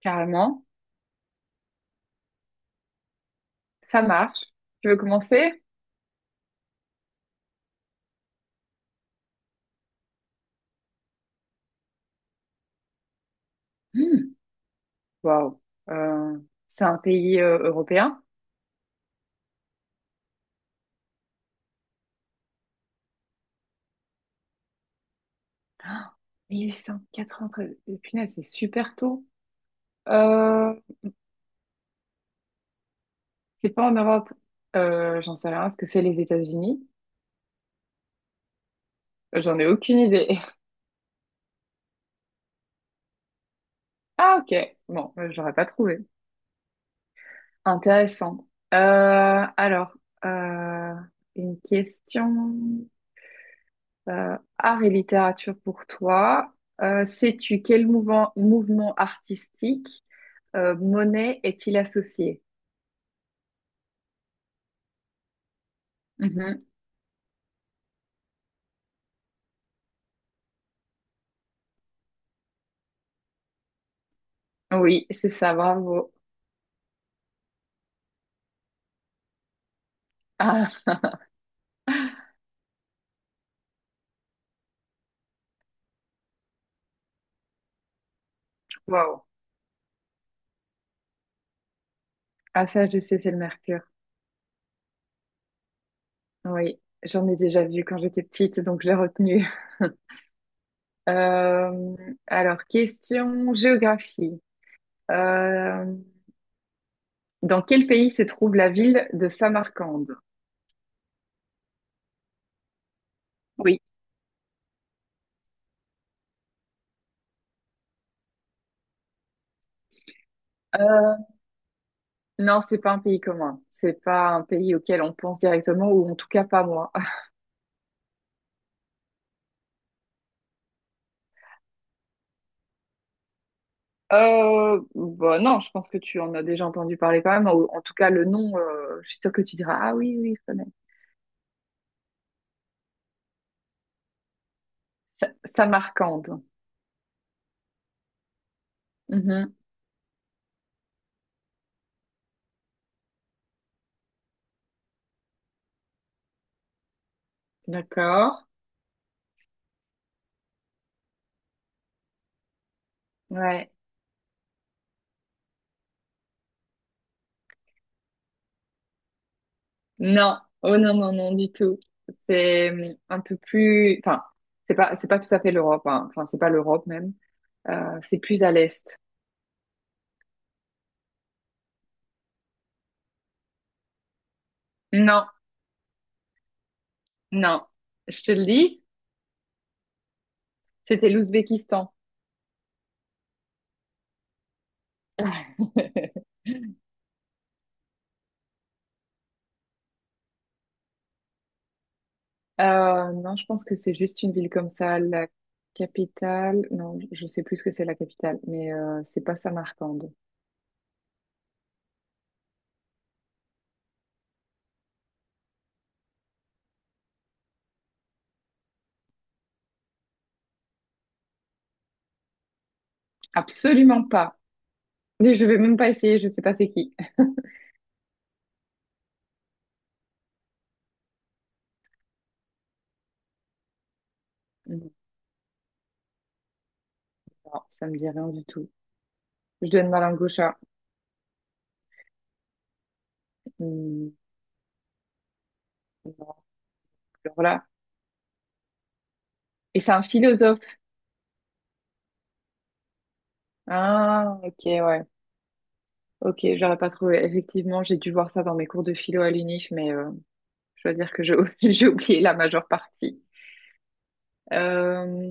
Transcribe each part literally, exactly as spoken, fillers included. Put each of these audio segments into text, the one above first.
Carrément. Ça marche. Tu veux commencer? Hmm. Waouh. Euh, c'est un pays euh, européen. mille huit cent quatre-vingt-treize. Euh, Punaise, c'est super tôt. Euh, c'est pas en Europe. Euh, j'en sais rien. Est-ce que c'est les États-Unis? J'en ai aucune idée. Ah, ok. Bon, euh, je l'aurais pas trouvé. Intéressant. Euh, alors, euh, une question. Euh, art et littérature pour toi. Euh, sais-tu quel mouvement, mouvement artistique Euh, Monet est-il associé? Mhm. Oui, c'est ça, bravo. Ah, waouh. Ah, ça, je sais, c'est le mercure. Oui, j'en ai déjà vu quand j'étais petite, donc je l'ai retenu. Euh, alors, Question géographie. Euh, Dans quel pays se trouve la ville de Samarcande? Oui. Euh, non, c'est pas un pays commun. C'est pas un pays auquel on pense directement, ou en tout cas pas moi. Euh, bah non, je pense que tu en as déjà entendu parler quand même. En, en tout cas, le nom, euh, je suis sûre que tu diras, ah oui, oui, je connais. Sa- Samarcande. Mhm. D'accord. Ouais. Non. Oh non, non, non, du tout. C'est hum, un peu plus, enfin, c'est pas, c'est pas tout à fait l'Europe, hein. Enfin, c'est pas l'Europe même. Euh, c'est plus à l'Est. Non, non. Je te le dis, c'était l'Ouzbékistan. Euh, non, je pense que c'est juste une ville comme ça. La capitale, non, je sais plus ce que c'est la capitale, mais euh, c'est pas Samarcande. Absolument pas. Et je vais même pas essayer, je sais pas c'est qui. Non, ça me dit rien du tout. Je donne ma langue au chat. Hmm, non, alors là. Et c'est un philosophe. Ah, ok, ouais. Ok, j'aurais pas trouvé. Effectivement, j'ai dû voir ça dans mes cours de philo à l'u n i f, mais euh, je dois dire que j'ai j'ai oublié la majeure partie. Euh,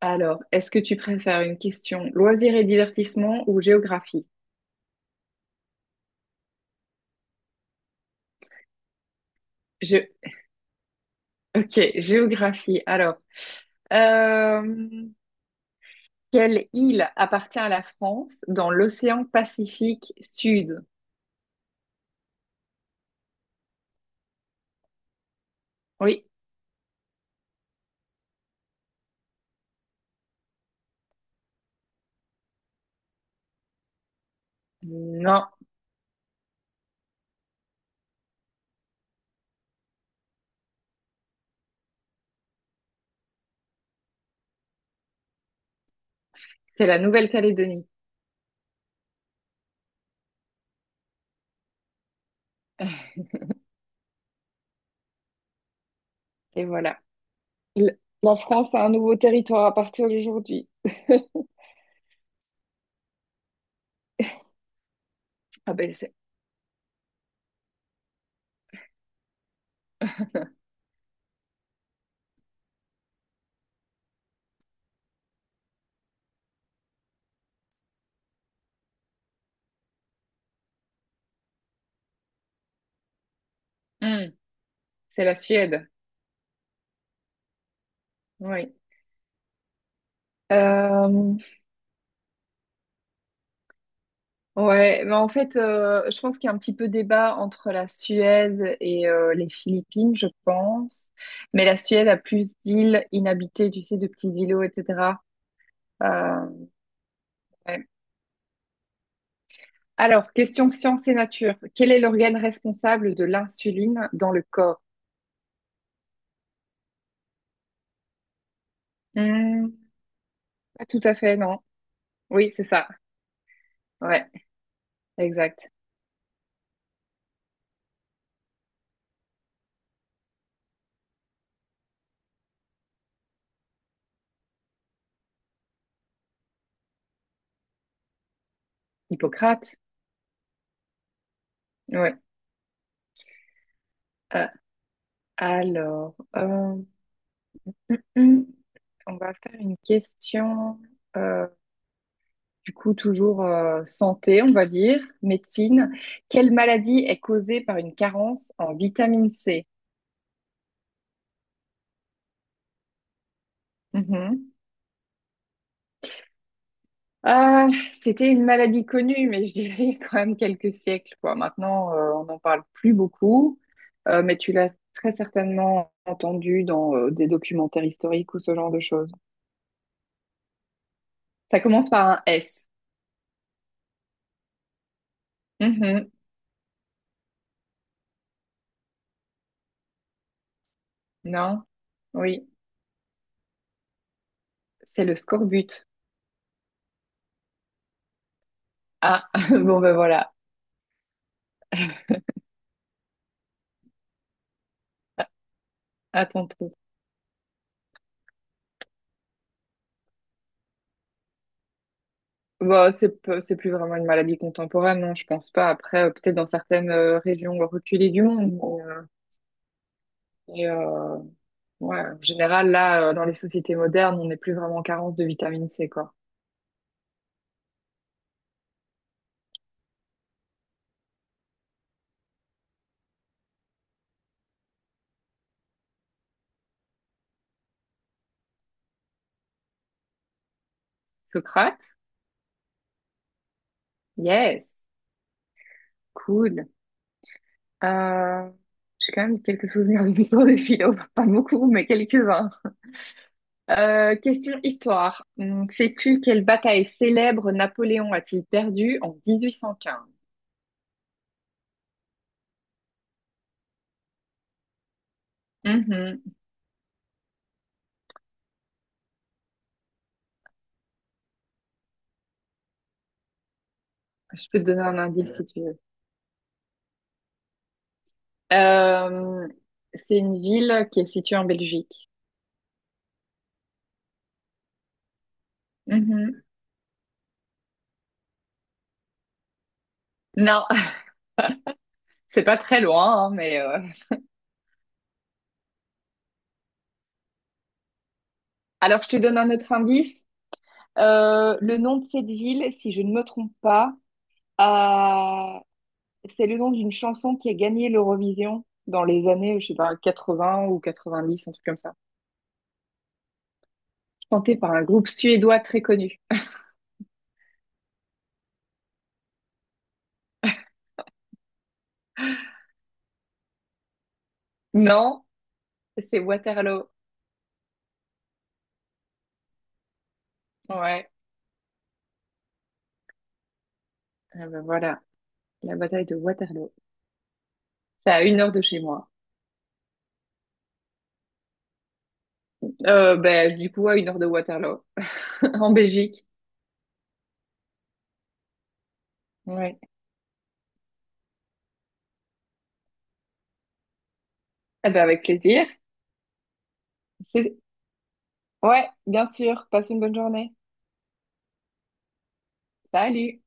Alors, est-ce que tu préfères une question loisirs et divertissement ou géographie? Gé- Ok, géographie. Alors, euh, quelle île appartient à la France dans l'océan Pacifique Sud? Oui, non, c'est la Nouvelle-Calédonie. Et voilà. L- La France a un nouveau territoire à partir d'aujourd'hui. Ah ben c'est Hmm, c'est la Suède. Oui. Euh, Ouais, mais en fait, euh, je pense qu'il y a un petit peu débat entre la Suède et euh, les Philippines, je pense. Mais la Suède a plus d'îles inhabitées, tu sais, de petits îlots, et cetera. Euh, ouais. Alors, question science et nature. Quel est l'organe responsable de l'insuline dans le corps? Hmm, pas tout à fait, non. Oui, c'est ça. Ouais, exact. Hippocrate. Ouais. Euh, alors, euh, hmm, On va faire une question. euh, Du coup, toujours euh, santé, on va dire, médecine. Quelle maladie est causée par une carence en vitamine C? Mhm. Euh, c'était une maladie connue, mais je dirais il y a quand même quelques siècles, quoi. Maintenant, euh, on n'en parle plus beaucoup. Euh, mais tu l'as très certainement entendu dans euh, des documentaires historiques ou ce genre de choses. Ça commence par un S. Mhm. Non? Oui, c'est le scorbut. Ah, bon ben voilà, attends. Bah, c'est p- c'est plus vraiment une maladie contemporaine, non, je pense pas. Après, euh, peut-être dans certaines euh, régions reculées du monde. Mais, euh, et, euh, ouais, en général, là, euh, dans les sociétés modernes, on n'est plus vraiment en carence de vitamine C, quoi. Socrate? Yes, cool. Euh, j'ai quand même quelques souvenirs de mes cours de philo, pas beaucoup, mais quelques-uns. Euh, question histoire. Hum, Sais-tu quelle bataille célèbre Napoléon a-t-il perdue en mille huit cent quinze? Mhm. Je peux te donner un indice si tu veux. Euh, c'est une ville qui est située en Belgique. Mhm. Non, c'est pas très loin, hein, mais... euh, alors, je te donne un autre indice. Euh, le nom de cette ville, si je ne me trompe pas, euh, c'est le nom d'une chanson qui a gagné l'Eurovision dans les années, je sais pas, quatre-vingts ou quatre-vingt-dix, un truc comme ça. Chantée par un groupe suédois très connu. Non, c'est Waterloo. Ouais, eh ben voilà, la bataille de Waterloo. C'est à une heure de chez moi. Euh, ben, du coup, à une heure de Waterloo. En Belgique. Ouais. Eh ben, avec plaisir. C'est- Ouais, bien sûr. Passe une bonne journée. Salut!